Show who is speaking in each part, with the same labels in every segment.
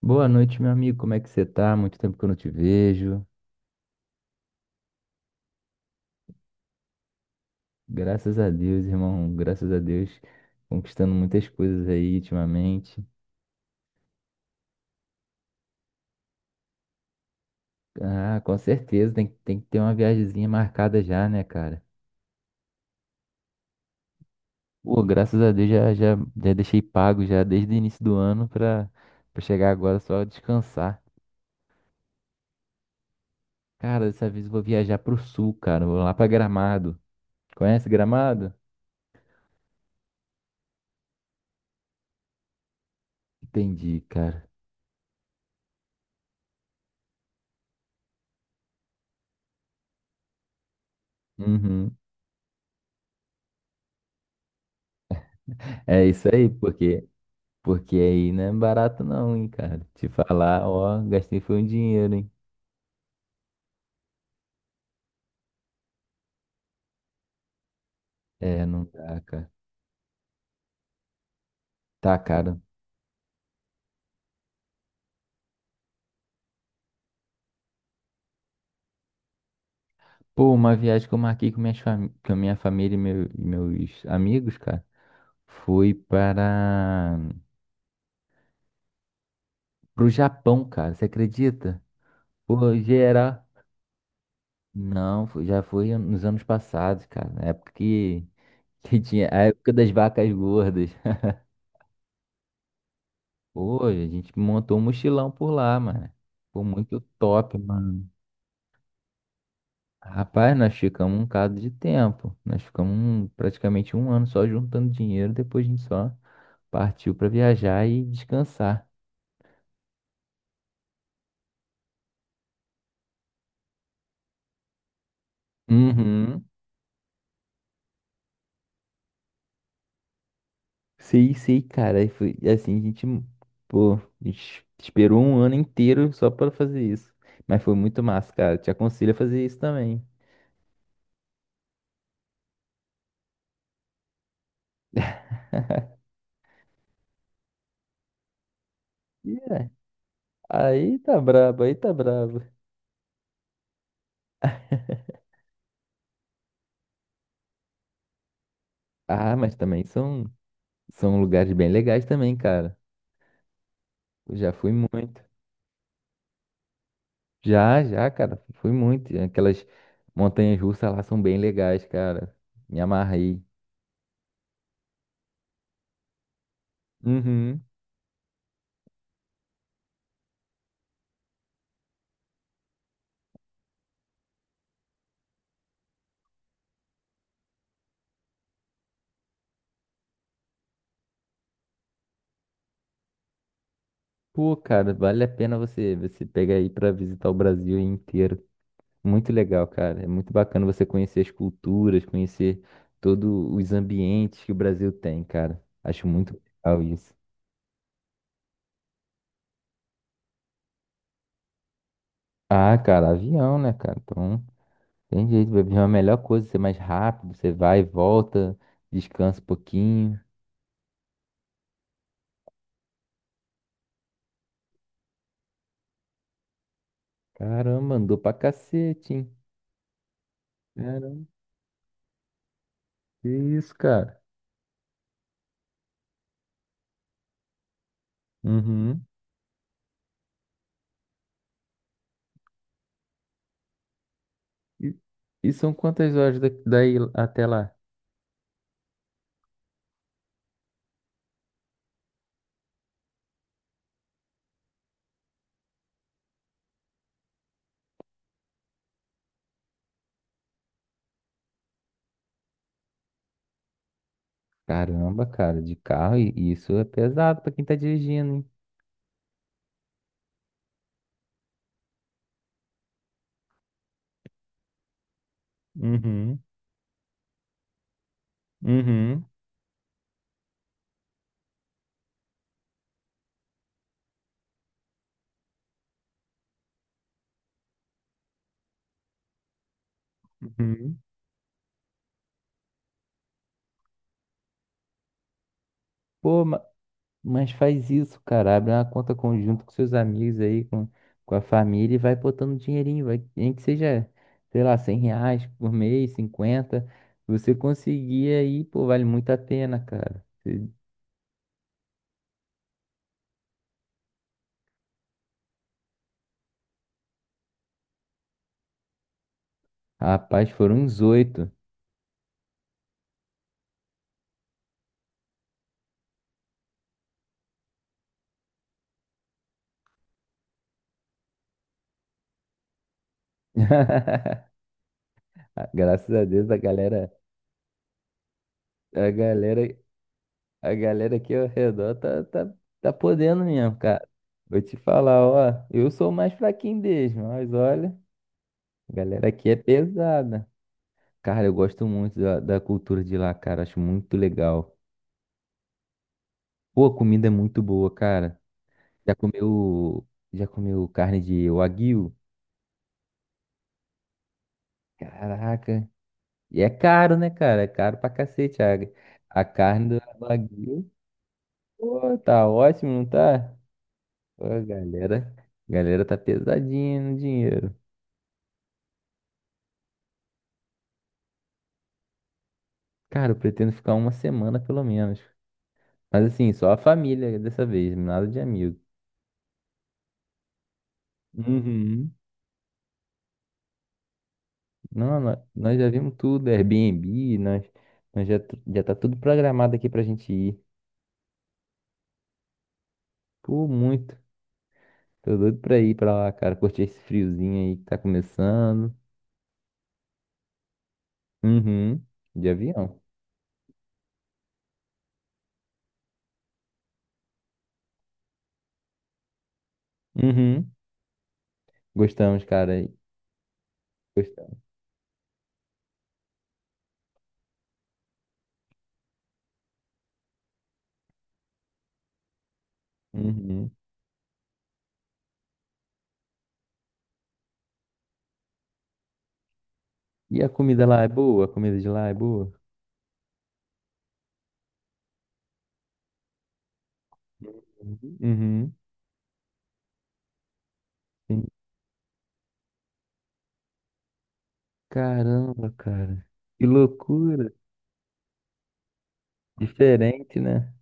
Speaker 1: Boa noite, meu amigo. Como é que você tá? Muito tempo que eu não te vejo. Graças a Deus, irmão. Graças a Deus, conquistando muitas coisas aí ultimamente. Ah, com certeza, tem que ter uma viagemzinha marcada já, né, cara? Pô, graças a Deus já deixei pago já desde o início do ano pra chegar agora só descansar. Cara, dessa vez eu vou viajar pro sul, cara. Vou lá pra Gramado. Conhece Gramado? Entendi, cara. Uhum. É isso aí, porque aí não é barato não, hein, cara. Te falar, ó, gastei foi um dinheiro, hein. É, não dá, cara. Tá, cara. Pô, uma viagem que eu marquei com a minha família e, e meus amigos, cara, foi para pro Japão, cara. Você acredita? Pô, geral. Não, já foi nos anos passados, cara. Na época que, tinha. A época das vacas gordas. Pô, a gente montou um mochilão por lá, mano. Foi muito top, mano. Rapaz, nós ficamos um bocado de tempo. Nós ficamos praticamente um ano só juntando dinheiro, depois a gente só partiu pra viajar e descansar. Uhum. Sei, sei, cara. E foi e assim, pô, a gente esperou um ano inteiro só pra fazer isso. Mas foi muito massa, cara. Te aconselho a fazer isso também. E é, aí tá brabo, aí tá brabo. Ah, mas também são lugares bem legais também, cara. Eu já fui muito. Já, já, cara, fui muito. Aquelas montanhas russas lá são bem legais, cara. Me amarrei. Uhum. Pô, cara, vale a pena você pegar aí pra visitar o Brasil inteiro. Muito legal, cara. É muito bacana você conhecer as culturas, conhecer todos os ambientes que o Brasil tem, cara. Acho muito legal isso. Ah, cara, avião, né, cara? Então, tem jeito, vai vir uma melhor coisa, ser mais rápido, você vai e volta, descansa um pouquinho. Caramba, andou pra cacete, hein? Que isso, cara? Uhum. E, e são quantas horas daí até lá? Caramba, cara, de carro, e isso é pesado pra quem tá dirigindo, hein? Uhum, uhum, uhum. Pô, mas faz isso, cara. Abre uma conta conjunta com seus amigos aí, com a família e vai botando dinheirinho, vai, nem que seja, sei lá, 100 reais por mês, 50. Você conseguir aí, pô, vale muito a pena, cara. Rapaz, foram uns oito. Ah, graças a Deus, a galera, a galera aqui ao redor tá podendo mesmo, cara. Vou te falar, ó, eu sou o mais fraquinho deles, mas olha, a galera aqui é pesada. Cara, eu gosto muito da cultura de lá, cara, acho muito legal. Pô, a comida é muito boa, cara. Já comeu, já comeu carne de wagyu? Caraca. E é caro, né, cara? É caro pra cacete a carne do wagyu. Pô, tá ótimo, não tá? Pô, a galera tá pesadinha no dinheiro. Cara, eu pretendo ficar uma semana pelo menos. Mas assim, só a família dessa vez, nada de amigo. Uhum. Não, nós já vimos tudo, Airbnb, já tá tudo programado aqui pra gente ir. Pô, muito. Tô doido pra ir pra lá, cara, curtir esse friozinho aí que tá começando. Uhum. De avião. Uhum. Gostamos, cara. Gostamos. Uhum. E a comida lá é boa? A comida de lá é boa? Uhum. Uhum. Caramba, cara. Que loucura. Diferente, né?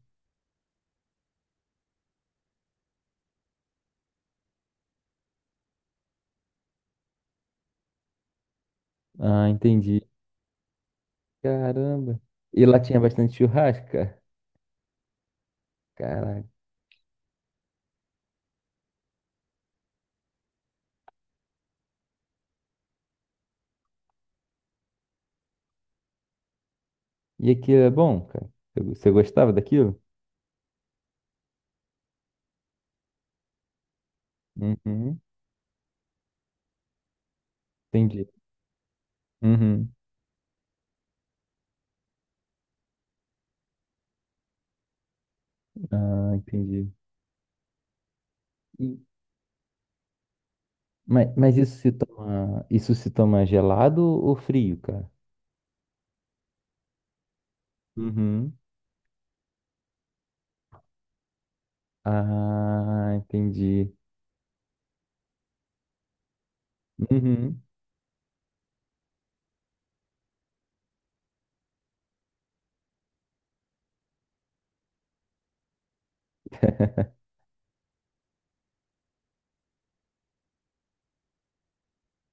Speaker 1: Ah, entendi. Caramba. E lá tinha bastante churrasco, cara? Caraca. E aquilo é bom, cara? Você você gostava daquilo? Uhum. Entendi. Uhum. Ah, entendi. E- Mas, isso se toma gelado ou frio, cara? Uhum. Ah, entendi. Uhum.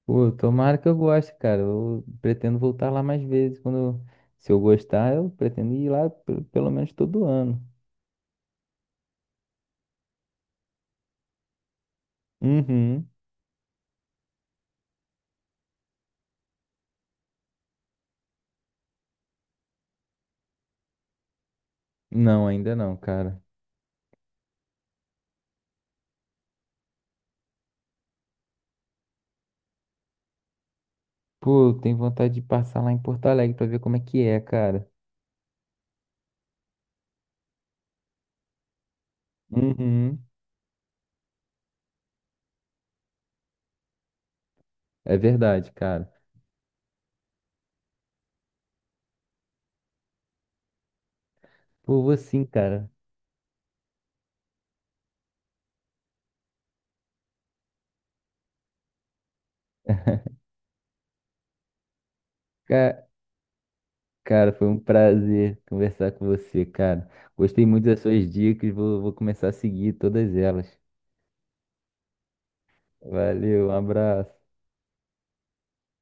Speaker 1: Pô, tomara que eu goste, cara. Eu pretendo voltar lá mais vezes. Se eu gostar, eu pretendo ir lá pelo menos todo ano. Uhum. Não, ainda não, cara. Pô, eu tenho vontade de passar lá em Porto Alegre pra ver como é que é, cara. Uhum. É verdade, cara. Pô, vou sim, cara. Ca- Cara, foi um prazer conversar com você, cara. Gostei muito das suas dicas. Vou começar a seguir todas elas. Valeu, um abraço.